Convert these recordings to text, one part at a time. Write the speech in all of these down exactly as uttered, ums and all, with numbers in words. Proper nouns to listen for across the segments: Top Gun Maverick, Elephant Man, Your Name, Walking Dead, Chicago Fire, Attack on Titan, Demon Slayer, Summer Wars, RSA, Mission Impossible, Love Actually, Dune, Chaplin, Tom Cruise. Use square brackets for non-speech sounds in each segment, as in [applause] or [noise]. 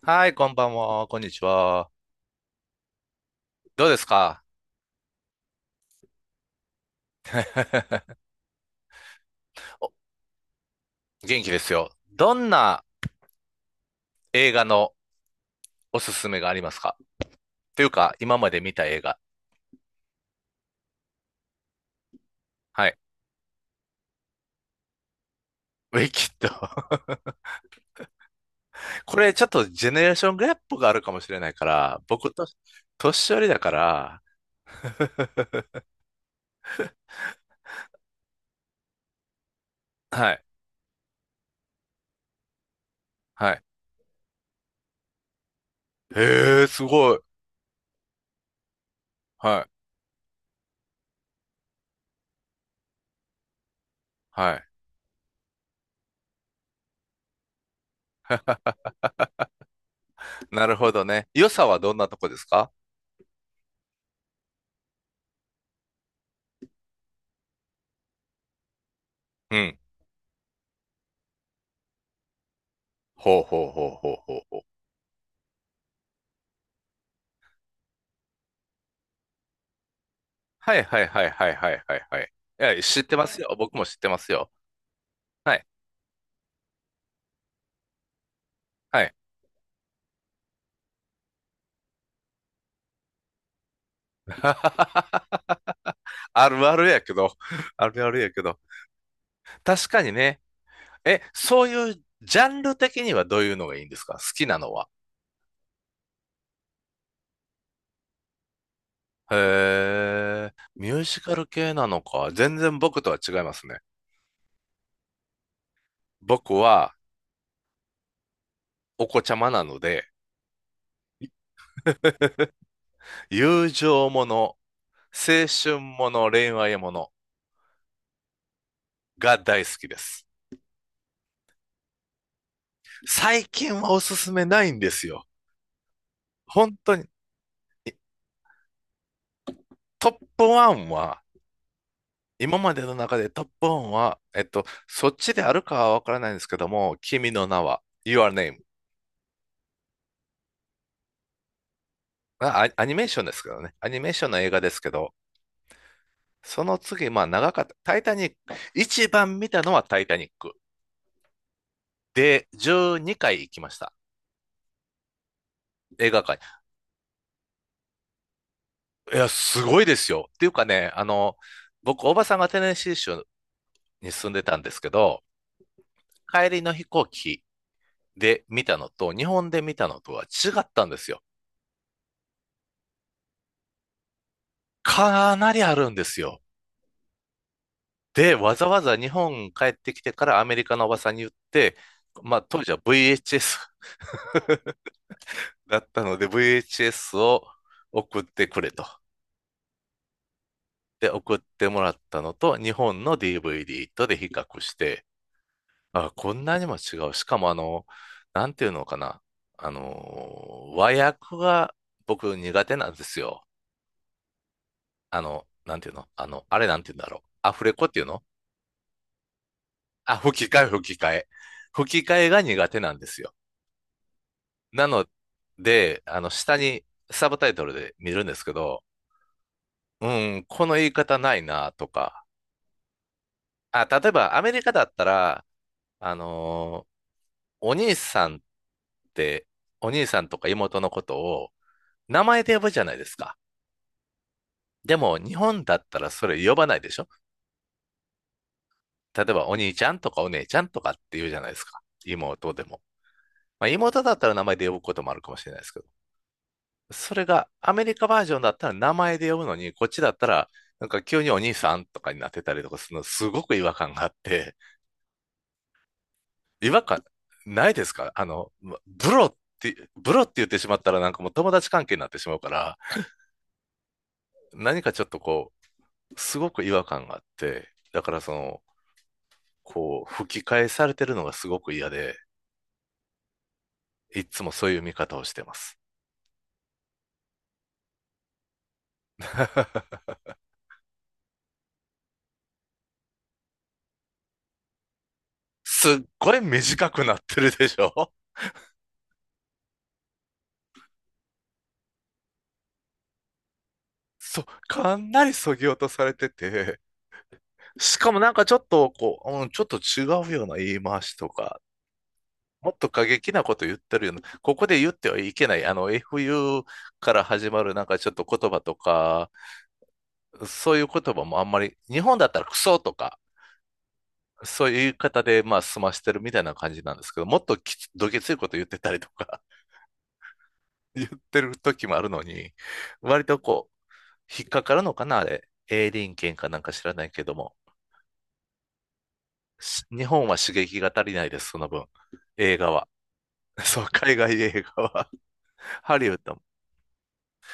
はい、こんばんは、こんにちは。どうですか？ [laughs] お元気ですよ。どんな映画のおすすめがありますか？というか、今まで見た映画。はい。ウィキッド。[laughs] これちょっとジェネレーションギャップがあるかもしれないから、僕と、年寄りだから。[laughs] はい。はい。へえ、すごい。はい。はい。なるほどね。良さはどんなとこですか？うん。ほうほうほうほうほう。はいはいはいはいはいはいはい。いや、知ってますよ。僕も知ってますよ。はいはい。[laughs] あるあるやけど。あるあるやけど。確かにね。え、そういうジャンル的にはどういうのがいいんですか？好きなのは。へえ、ミュージカル系なのか。全然僕とは違いますね。僕はお子ちゃまなので、[laughs] 友情もの、青春もの、恋愛ものが大好きです。最近はおすすめないんですよ。本当に。トップワンは今までの中でトップワンは、えっと、そっちであるかはわからないんですけども、君の名は、Your Name。あ、ア、アニメーションですけどね。アニメーションの映画ですけど、その次、まあ長かった。タイタニック。一番見たのはタイタニック。で、じゅうにかい行きました。映画館、いや、すごいですよ。っていうかね、あの、僕、おばさんがテネシー州に住んでたんですけど、帰りの飛行機で見たのと、日本で見たのとは違ったんですよ。かなりあるんですよ。で、わざわざ日本帰ってきてからアメリカのおばさんに言って、まあ当時は ブイエイチエス [laughs] だったので ブイエイチエス を送ってくれと。で、送ってもらったのと日本の ディーブイディー とで比較して、あ、こんなにも違う。しかもあの、なんていうのかな。あの、和訳が僕苦手なんですよ。あの、なんていうのあの、あれなんていうんだろう。アフレコっていうの？あ、吹き替え、吹き替え。吹き替えが苦手なんですよ。なので、あの、下にサブタイトルで見るんですけど、うん、この言い方ないなとか。あ、例えばアメリカだったら、あのーお兄さんって、お兄さんとか妹のことを名前で呼ぶじゃないですか。でも、日本だったらそれ呼ばないでしょ？例えば、お兄ちゃんとかお姉ちゃんとかって言うじゃないですか。妹でも。まあ、妹だったら名前で呼ぶこともあるかもしれないですけど、それがアメリカバージョンだったら名前で呼ぶのに、こっちだったら、なんか急にお兄さんとかになってたりとかするの、すごく違和感があって、違和感ないですか？あの、ブロって、ブロって言ってしまったらなんかもう友達関係になってしまうから、何かちょっとこう、すごく違和感があって、だからその、こう、吹き返されてるのがすごく嫌で、いつもそういう見方をしてます。すっごい短くなってるでしょ？ [laughs] そう、かなり削ぎ落とされてて、しかもなんかちょっとこう、うん、ちょっと違うような言い回しとか、もっと過激なこと言ってるような、ここで言ってはいけない、あの エフユー から始まるなんかちょっと言葉とか、そういう言葉もあんまり、日本だったらクソとか、そういう言い方でまあ済ましてるみたいな感じなんですけど、もっときつどげついこと言ってたりとか、[laughs] 言ってる時もあるのに、割とこう、引っかかるのかな、あれ。営林権かなんか知らないけども、し日本は刺激が足りないです、その分。映画は。[laughs] そう、海外映画は [laughs] ハリウッドも。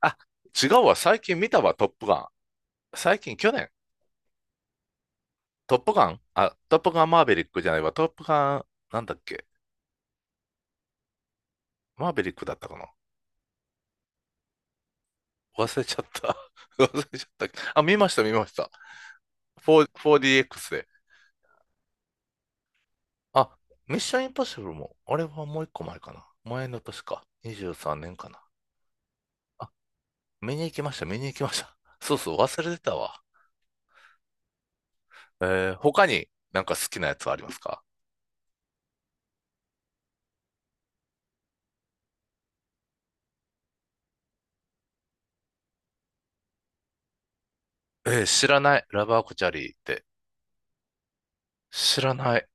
あ、違うわ。最近見たわ、トップガン。最近、去年。トップガン、あ、トップガンマーベリックじゃないわ。トップガン、なんだっけ？マーベリックだったかな？忘れちゃった。[laughs] 忘れちゃった。あ、見ました、見ました。よん、フォーディーエックス で。あ、ミッションインポッシブルも、あれはもう一個前かな。前の年か。にじゅうさんねんかな。あ、見に行きました、見に行きました。[laughs] そうそう、忘れてたわ。えー、他になんか好きなやつはありますか？えー、知らない。ラブアクチャリーって。知らない。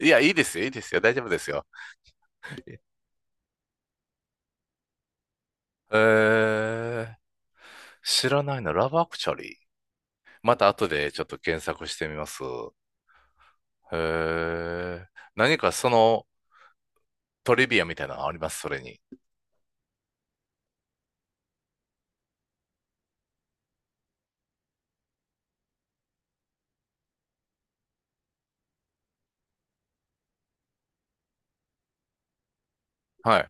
いや、いいですよ、いいですよ。大丈夫ですよ。えー、知らないの。ラブアクチャリー。また後でちょっと検索してみます。えー、何かそのトリビアみたいなのあります？それに。はい、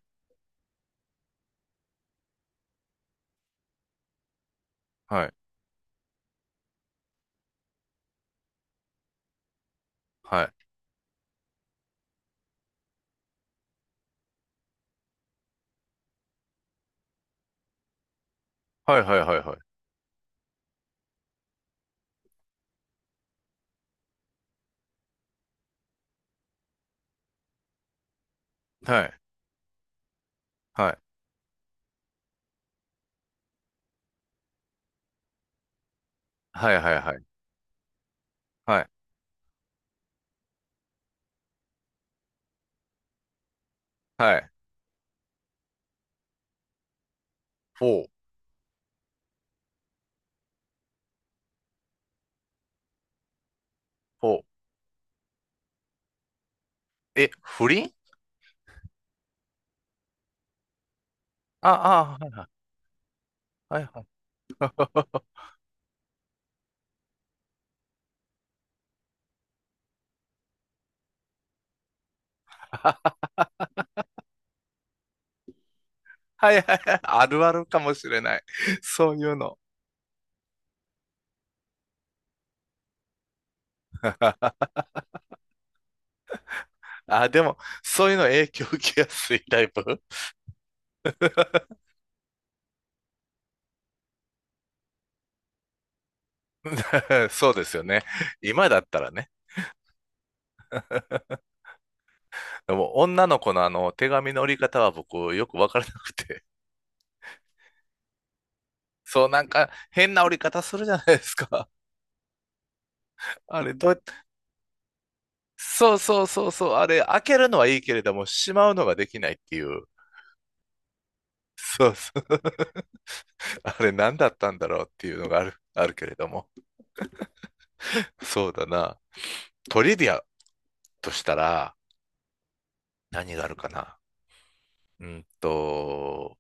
はい、はい。はい、はい、はい、はい。はい、はい、はい、はい、はい。はい、はい。フォー、フォー。え、不倫？ああ、はい、はい。はいはいはいはい。[laughs] あるあるかもしれない。そういうの。あ、でも、そういうの影響受けやすいタイプ？ [laughs] そうですよね。今だったらね。でも、女の子のあの、手紙の折り方は僕、よくわからなくて。そう、なんか、変な折り方するじゃないですか。あれ、どうやって？そうそうそうそう。あれ、開けるのはいいけれども、しまうのができないっていう。そうそう。[laughs] あれ、何だったんだろうっていうのがある、あるけれども。そうだな。トリビアとしたら、何があるかな。うんと、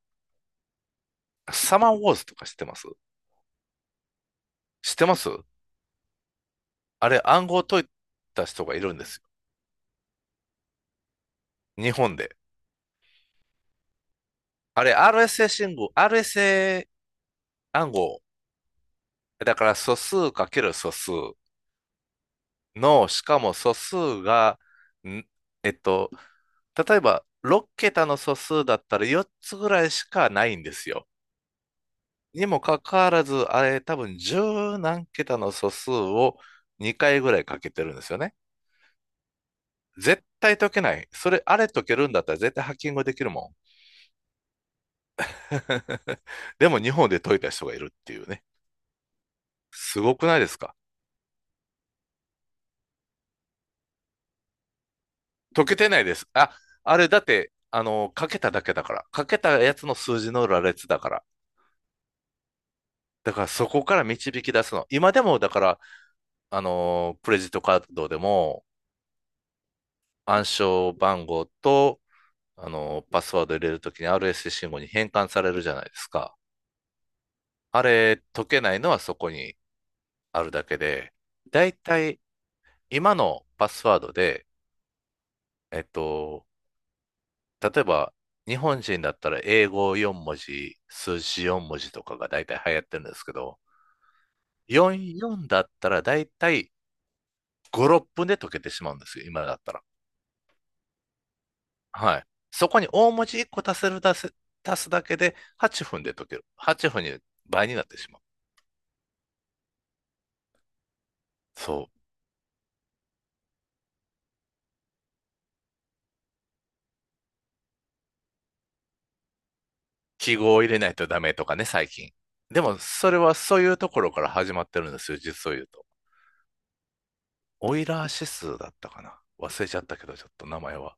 サマーウォーズとか知ってます？知ってます？あれ暗号解いた人がいるんですよ。日本で。あれ アールエスエー 信号、アールエスエー 暗号。だから素数かける素数の、しかも素数が、んえっと、例えばろくけた桁の素数だったらよっつぐらいしかないんですよ。にもかかわらず、あれ多分じゅう何桁の素数をにかいぐらいかけてるんですよね。絶対解けない。それ、あれ解けるんだったら絶対ハッキングできるもん。[laughs] でも日本で解いた人がいるっていうね。すごくないですか？解けてないです。あ、あれだって、あの、かけただけだから。かけたやつの数字の羅列だから。だからそこから導き出すの。今でも、だから、あの、クレジットカードでも暗証番号と、あの、パスワード入れるときに アールエスシー 信号に変換されるじゃないですか。あれ、解けないのはそこにあるだけで、だいたい今のパスワードで、えっと、例えば、日本人だったら英語よん文字、数字よん文字とかが大体流行ってるんですけど、よんじゅうよんだったら大体ご、ろっぷんで解けてしまうんですよ、今だったら。はい。そこに大文字いっこ足せる、足せ、足すだけではっぷんで解ける。はっぷんに倍になってしまう。そう。記号を入れないとダメとかね、最近。でも、それはそういうところから始まってるんですよ、実を言うと。オイラー指数だったかな。忘れちゃったけど、ちょっと名前は。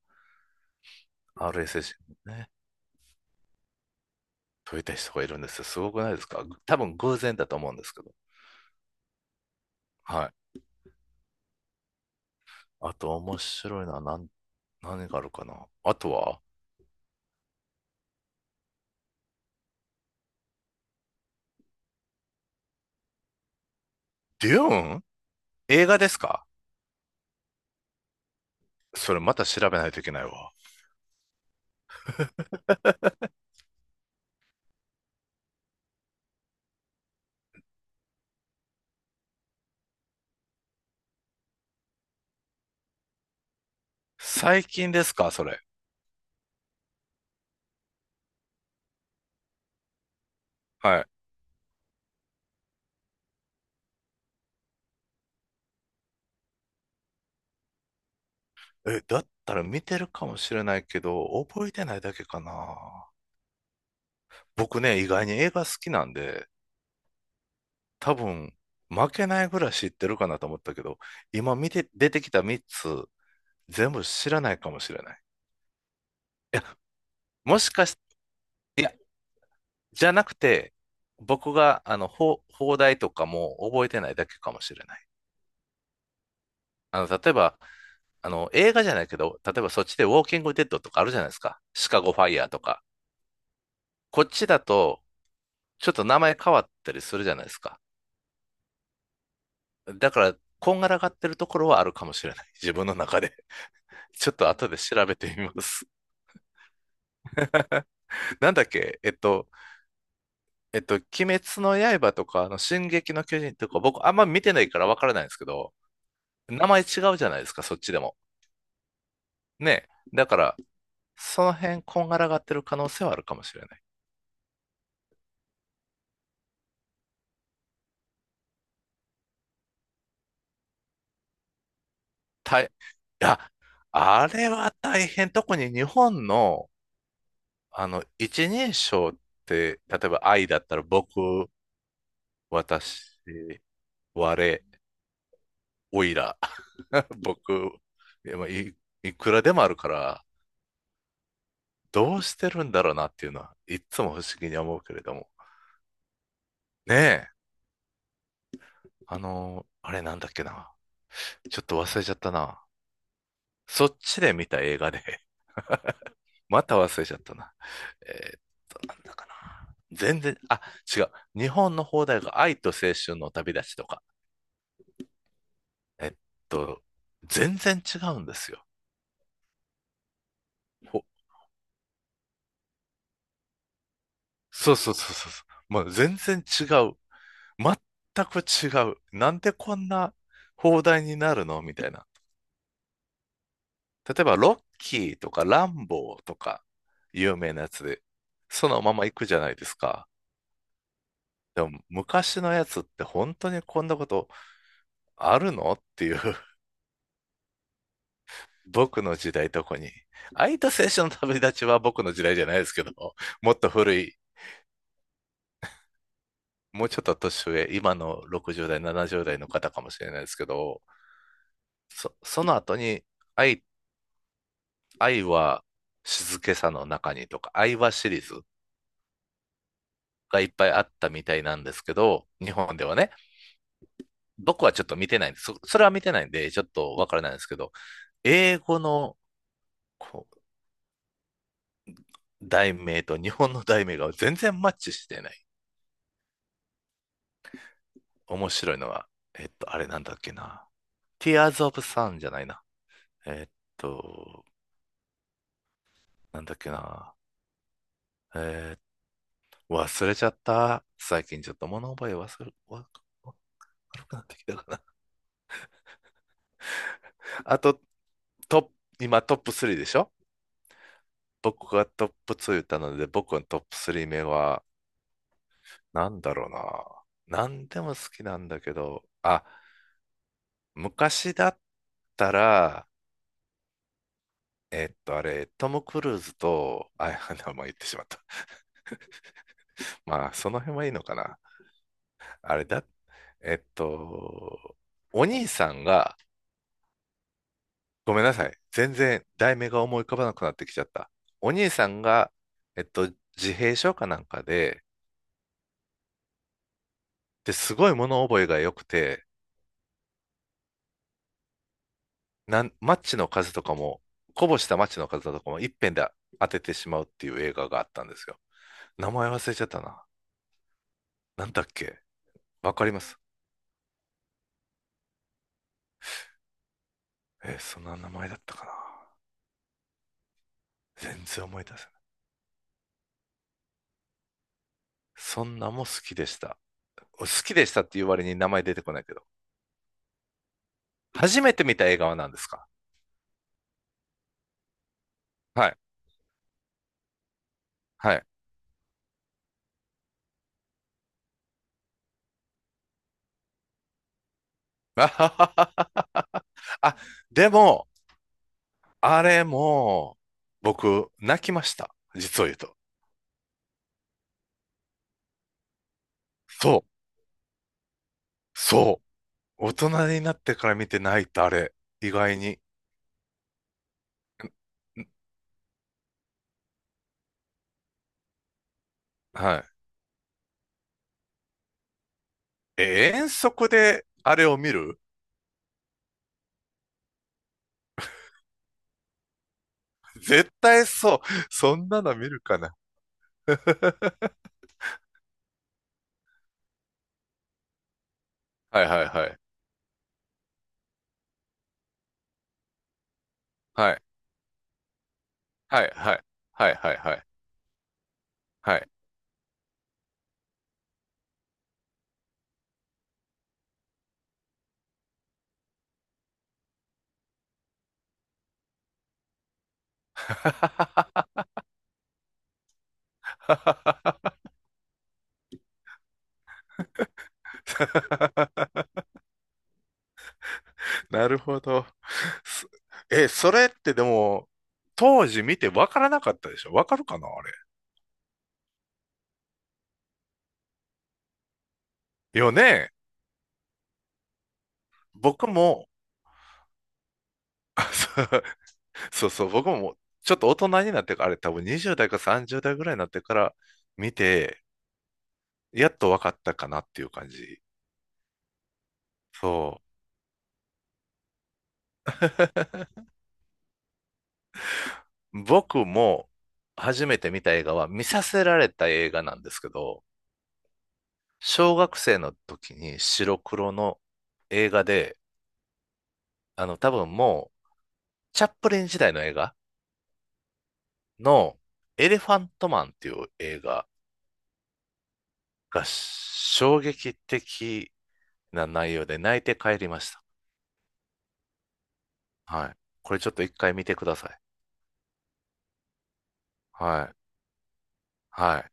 アールエスエス のね、解いた人がいるんですよ。すごくないですか？多分偶然だと思うんですけど。はい。あと面白いのは何、何があるかなあとは。デューン、映画ですか？それまた調べないといけないわ。最近ですかそれ。はい。え、だったら見てるかもしれないけど、覚えてないだけかな。僕ね、意外に映画好きなんで、多分、負けないぐらい知ってるかなと思ったけど、今見て、出てきたみっつ、全部知らないかもしれない。いや、もしかして、いや、じゃなくて、僕が、あの、ほ放題とかも覚えてないだけかもしれない。あの、例えば、あの、映画じゃないけど、例えばそっちでウォーキングデッドとかあるじゃないですか。シカゴファイヤーとか。こっちだと、ちょっと名前変わったりするじゃないですか。だから、こんがらがってるところはあるかもしれない。自分の中で。ちょっと後で調べてみます。なんだっけ、えっと、えっと、鬼滅の刃とか、あの、進撃の巨人とか、僕あんま見てないからわからないんですけど、名前違うじゃないですか、そっちでも。ね。だから、その辺、こんがらがってる可能性はあるかもしれない。大、いや、あれは大変。特に日本の、あの、一人称って、例えば愛だったら、僕、私、我、おいら、[laughs] 僕、いやまあいいくらでもあるから、どうしてるんだろうなっていうのは、いっつも不思議に思うけれども。ねえ、あのーあれなんだっけな。ちょっと忘れちゃったな。そっちで見た映画で、[laughs] また忘れちゃったな。えっと、なんだかな。全然、あ、違う。日本の放題が愛と青春の旅立ちとか。えっと、全然違うんですよ。ほそうそうそうそうそう。もう全然違う。全く違う。なんでこんな放題になるのみたいな。例えば、ロッキーとかランボーとか、有名なやつで、そのまま行くじゃないですか。でも、昔のやつって本当にこんなことあるのっていう、[laughs] 僕の時代とこに。空いた青春の旅立ちは僕の時代じゃないですけど、もっと古い、もうちょっと年上、今のろくじゅうだい代、ななじゅうだい代の方かもしれないですけど、そ、その後に愛、愛は静けさの中にとか、愛はシリーズがいっぱいあったみたいなんですけど、日本ではね。僕はちょっと見てないんです。そ、それは見てないんで、ちょっとわからないんですけど、英語のこう題名と日本の題名が全然マッチしてない。面白いのは、えっと、あれなんだっけな。ティアーズオブサン じゃないな。えっと、なんだっけな。えー忘れちゃった。最近ちょっと物覚え忘れ、わ、わ悪くなってきたかな。あと、トップ、今トップスリーでしょ？僕がトップツー言ったので、僕のトップスリー目は、なんだろうな。なんでも好きなんだけど、あ、昔だったら、えっと、あれ、トム・クルーズと、あ、[laughs] 名前言ってしまった。[laughs] まあ、その辺はいいのかな。あれだ、えっと、お兄さんが、ごめんなさい。全然題名が思い浮かばなくなってきちゃった。お兄さんが、えっと、自閉症かなんかで、で、すごい物覚えが良くて、なん、マッチの数とかも、こぼしたマッチの数とかもいっぺんで当ててしまうっていう映画があったんですよ。名前忘れちゃったな。なんだっけ、わかります？えーそんな名前だったかな。全然思い出せない。そんなも好きでした。好きでしたっていう割に名前出てこないけど。初めて見た映画は何ですか？はい。はい。[laughs] あはははあ、でも、あれも、僕、泣きました。実を言うと。そう。そう。大人になってから見て泣いたあれ。意外に。はい。え、遠足であれを見る？絶対そう。そんなの見るかな。[laughs] はいはいはい。はい。はいはいはいはいはい。はい。[laughs] なるほど。すえ、それってでも、当時見てわからなかったでしょ？わかるかなあれ。よね。僕も、[laughs] あ、そうそうそう、僕もちょっと大人になってから、あれ多分にじゅうだい代かさんじゅうだい代ぐらいになってから見て、やっと分かったかなっていう感じ。そう。僕も初めて見た映画は見させられた映画なんですけど、小学生の時に白黒の映画で、あの多分もうチャップリン時代の映画のエレファントマンっていう映画が衝撃的な内容で泣いて帰りました。はい。これちょっといっかい見てください。はい。はい。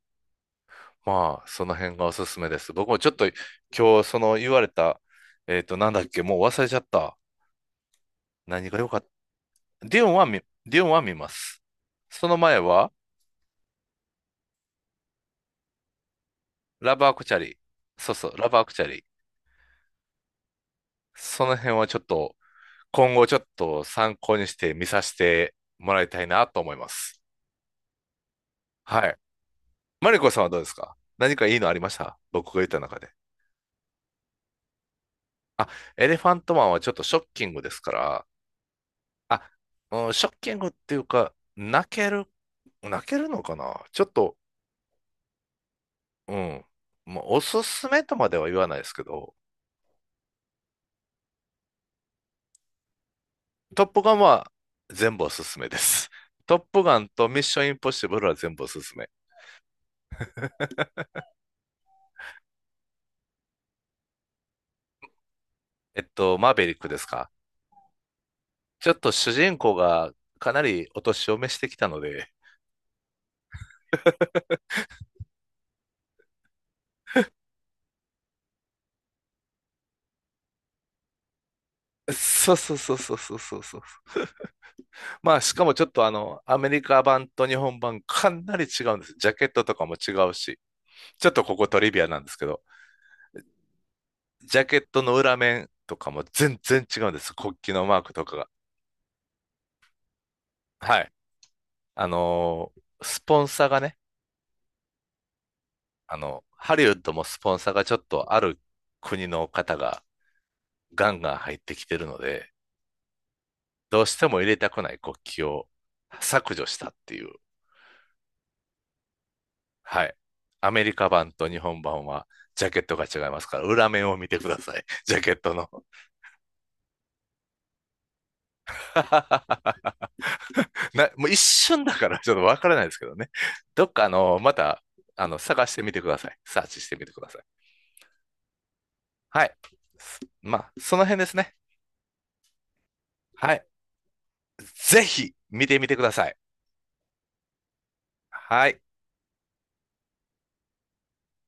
まあ、その辺がおすすめです。僕もちょっと今日、その言われた、えっと、なんだっけ、もう忘れちゃった。何が良かった。ディオンは見、ディオンは見ます。その前は、ラブアクチャリー。そうそう、ラブアクチャリー。その辺はちょっと、今後ちょっと参考にして見させてもらいたいなと思います。はい。マリコさんはどうですか？何かいいのありました？僕が言った中で。あ、エレファントマンはちょっとショッキングですから、あ、うん、ショッキングっていうか、泣ける、泣けるのかなちょっと、うん。もうおすすめとまでは言わないですけど、トップガンは全部おすすめです。[laughs] トップガンとミッションインポッシブルは全部おすすめ。えっと、マーベリックですか？ちょっと主人公がかなりお年を召してきたので、そうそうそうそうそうそうそう。まあ、しかもちょっとあの、アメリカ版と日本版かなり違うんです。ジャケットとかも違うし、ちょっとここトリビアなんですけど、ジャケットの裏面とかも全然違うんです。国旗のマークとかが。はい。あのースポンサーがね、あの、ハリウッドもスポンサーがちょっとある国の方がガンガン入ってきてるので、どうしても入れたくない国旗を削除したっていう。はい。アメリカ版と日本版はジャケットが違いますから、裏面を見てください。ジャケットの。[laughs] な、もう一瞬だから [laughs] ちょっとわからないですけどね。どっかあの、また、あの、探してみてください。サーチしてみてください。はい。まあ、その辺ですね。はい。ぜひ見てみてください。はい。